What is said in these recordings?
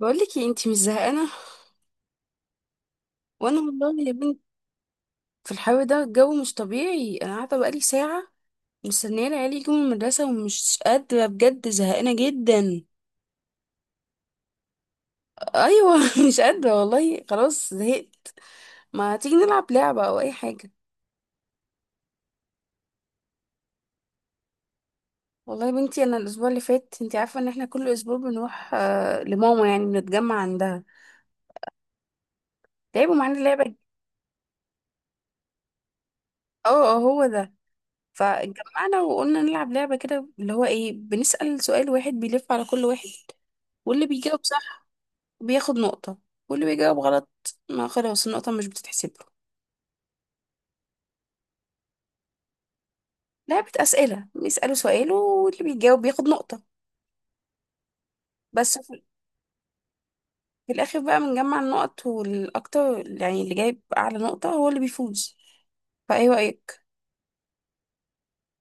بقولك ايه؟ انتي مش زهقانه؟ وانا والله يا بنت، في الحر ده الجو مش طبيعي. انا قاعده بقالي ساعه مستنيه العيال يجوا من المدرسه، ومش قادره بجد، زهقانه جدا. ايوه مش قادره والله، خلاص زهقت. ما تيجي نلعب لعبه او اي حاجه؟ والله يا بنتي، انا الاسبوع اللي فات، انتي عارفه ان احنا كل اسبوع بنروح لماما، يعني بنتجمع عندها، لعبوا معانا لعبه. اه هو ده. فاتجمعنا وقلنا نلعب لعبة كده، اللي هو ايه، بنسأل سؤال واحد بيلف على كل واحد، واللي بيجاوب صح بياخد نقطة، واللي بيجاوب غلط ما خلاص النقطة مش بتتحسب له. لعبة أسئلة، بيسألوا سؤال واللي بيجاوب بياخد نقطة، بس في في الآخر بقى بنجمع النقط، والأكتر يعني اللي جايب أعلى نقطة هو اللي بيفوز. فأيه رأيك؟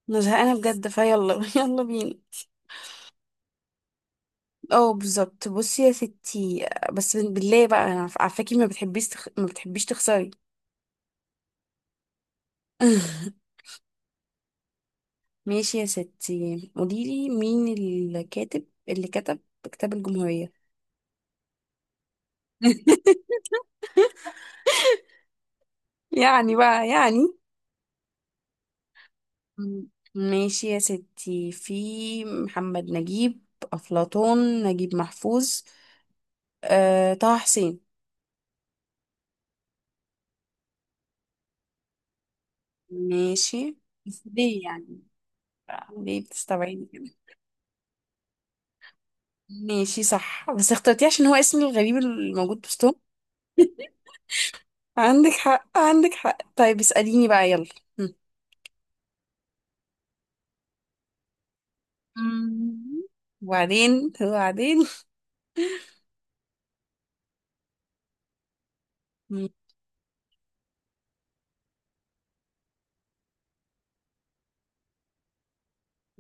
أنا زهقانة بجد، فيلا يلا بينا. اه بالظبط، بصي يا ستي، بس بالله بقى، أنا عارفاكي ما بتحبيش تخسري ماشي يا ستي، قوليلي مين الكاتب اللي كتب كتاب الجمهورية. يعني بقى يعني. مم. ماشي يا ستي، في محمد نجيب، أفلاطون، نجيب محفوظ، طه حسين. ماشي، بس ليه يعني بقى؟ ليه بتستبعدي كده؟ ماشي صح، بس اخترتيه عشان هو اسمي الغريب الموجود بوسطهم. عندك حق عندك حق، طيب اسأليني بقى يلا. هم. مم. وبعدين.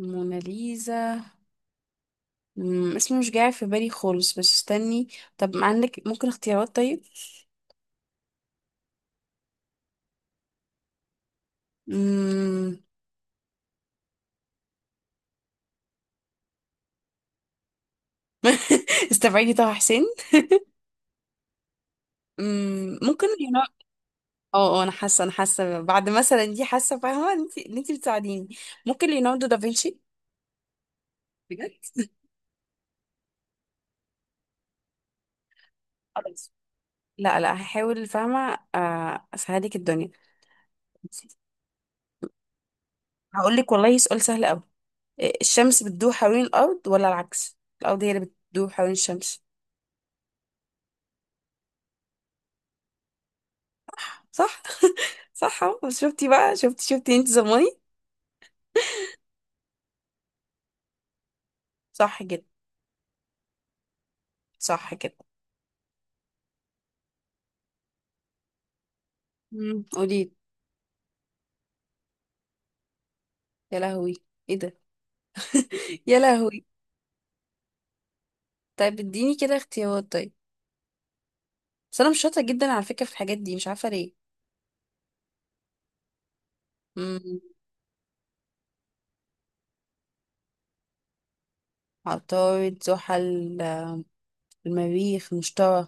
موناليزا، مم، اسمه مش جاي في بالي خالص، بس استني. طب عندك ممكن اختيارات طيب؟ مم. استبعدي طه حسين. مم، ممكن ليوناردو. اه اه، انا حاسه بعد مثلا دي، حاسه فاهمه انت ان انت بتساعديني. ممكن ليوناردو دافنشي. بجد. خلاص، لا لا هحاول، فاهمه، اسهلك الدنيا. هقول لك والله سؤال سهل قوي. الشمس بتدور حوالين الارض ولا العكس، الارض هي اللي بتدور حوالين الشمس؟ صح. صح اهو، بس شفتي بقى، شفتي انت زماني. صح كده. صح كده. قولي. يا لهوي، ايه ده؟ يا لهوي. طيب اديني كده اختيارات طيب، بس انا مش شاطره جدا على فكره في الحاجات دي، مش عارفه ليه. امم. عطارد، زحل، المريخ، المشتري.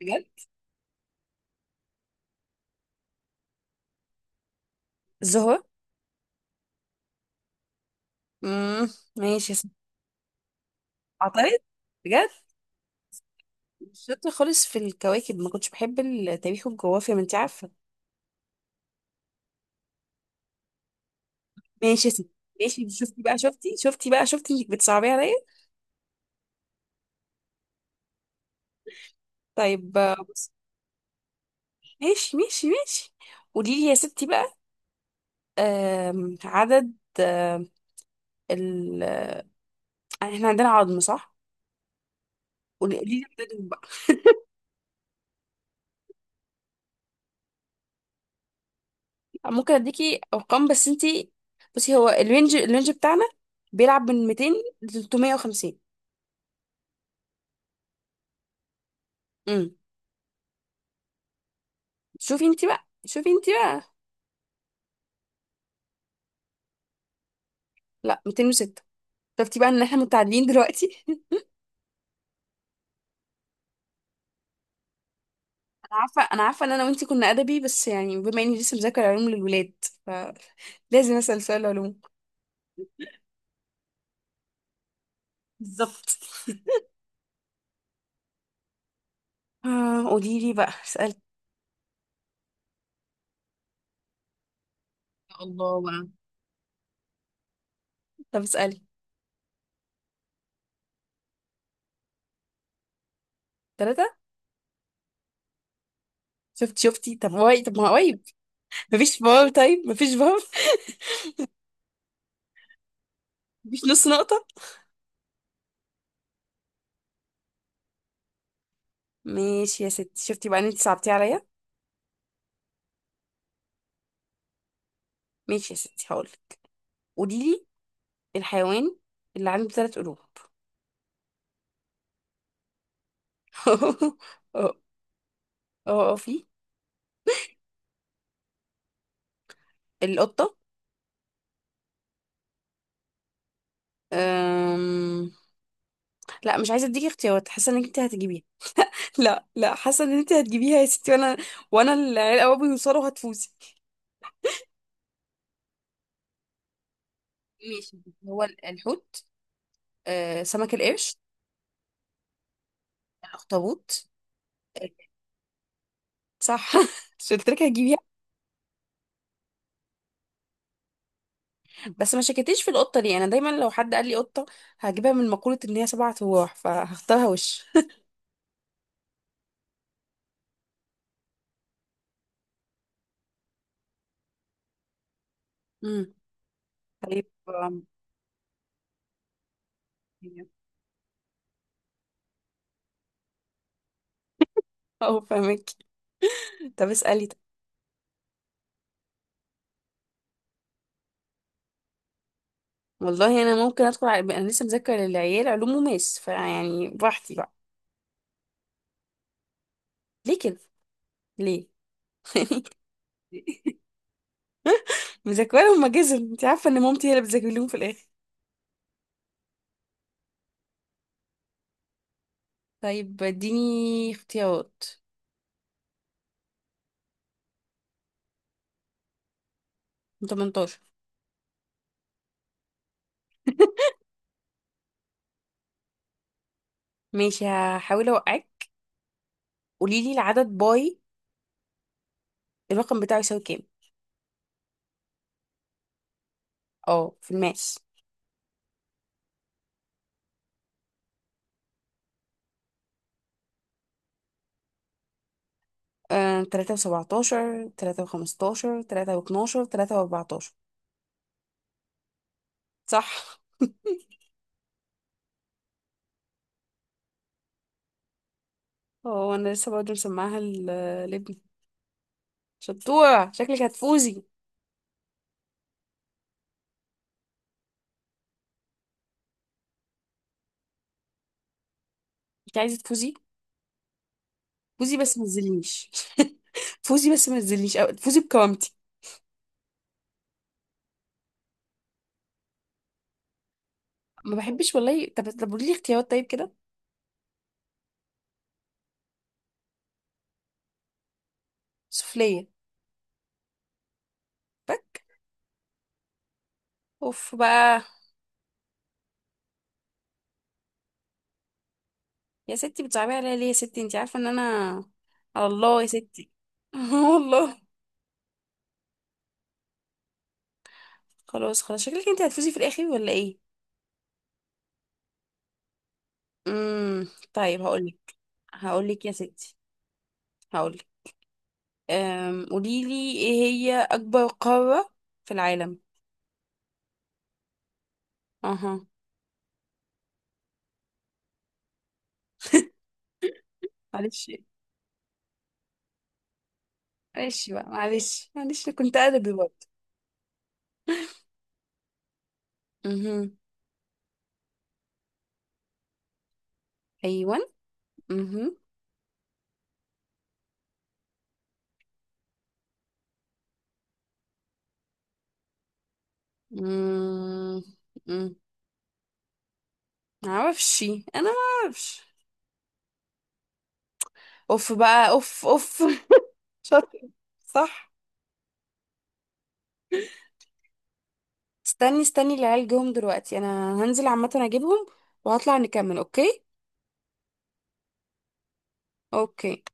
بجد. الزهرة. امم. ماشي يا ستي. عطارد. بجد. مش شاطره خالص في الكواكب، ما كنتش بحب التاريخ والجغرافيا، ما انت عارفه. ماشي يا ستي. ماشي، شفتي بقى، شفتي انك بتصعبي عليا. طيب بصي. ماشي ماشي ماشي، قولي لي يا ستي بقى. عدد، آم، ال، احنا عندنا عظم صح؟ قولي لي عددهم بقى. ممكن اديكي ارقام بس انتي، بصي هو الرينج بتاعنا بيلعب من 200 ل 350. امم. شوفي انتي بقى. لا، 206. شفتي بقى ان احنا متعادلين دلوقتي. انا عارفه ان انا وانتي كنا ادبي، بس يعني بما اني لسه مذاكره علوم للولاد، فلازم اسال سؤال علوم. بالظبط. قولي لي بقى. الله، طب اسألي. ثلاثة. شفت، شفتي؟ طب واي، طب ما قريب. مفيش فار، طيب مفيش فار مفيش نص نقطة. ماشي يا ستي، شفتي بقى ان انت صعبتيه عليا. ماشي يا ستي، هقولك. قولي لي الحيوان اللي عنده ثلاث قلوب. اه، اه في. القطة. أم... لا مش عايزة اديكي اختيارات، حاسة انك انت هتجيبيها. لا لا، حاسة ان انت هتجيبيها يا ستي، وانا، وانا العيال قوي بيوصلوا، هتفوزي. ماشي. هو الحوت، سمك القرش، الاخطبوط. صح. مش قلت لك هجيبيها؟ بس ما شكيتيش في القطه دي، انا دايما لو حد قال لي قطه هجيبها، من مقوله ان هي سبع ارواح، فهختارها وش. امم. طيب اه فاهمك. طب اسالي طب. والله انا ممكن ادخل انا لسه مذاكره للعيال علوم وماس، فيعني براحتي بقى. ليه كده؟ ليه؟ مذاكره لهم ماجزة، انت عارفه ان مامتي هي اللي بتذاكر لهم في الاخر. طيب اديني اختيارات. 18. ماشي هحاول اوقعك. قولي لي العدد باي، الرقم بتاعه يساوي كام؟ اه في الماس. تلاتة وسبعتاشر، تلاتة وخمستاشر، تلاتة واتناشر، تلاتة واربعتاشر. صح. هو أنا لسه برضه لابني. شطورة، شكلك هتفوزي. انت عايزة تفوزي؟ فوزي بس ما تزلنيش. فوزي بس ما تزلنيش، أو فوزي بكرامتي. ما بحبش والله. طب قولي لي اختيارات طيب كده. سفلية. بك. اوف بقى. يا ستي بتصعبي عليا ليه؟ يا ستي انت عارفة ان انا، على الله يا ستي. والله. خلاص خلاص، شكلك انت هتفوزي في الاخر ولا ايه؟ امم. طيب هقولك. يا ستي، هقولك. أم... قوليلي ايه هي اكبر قارة في العالم؟ اها. معلش، معلش بقى معلش معلش، أنا كنت ادبي برضه. اها. ايوه، اها. امم. أمم. معرفش. انا ما اعرفش. اوف بقى، اوف. شاطر. صح. استني، العيال جم دلوقتي، انا هنزل عامه اجيبهم وهطلع نكمل، اوكي؟ اوكي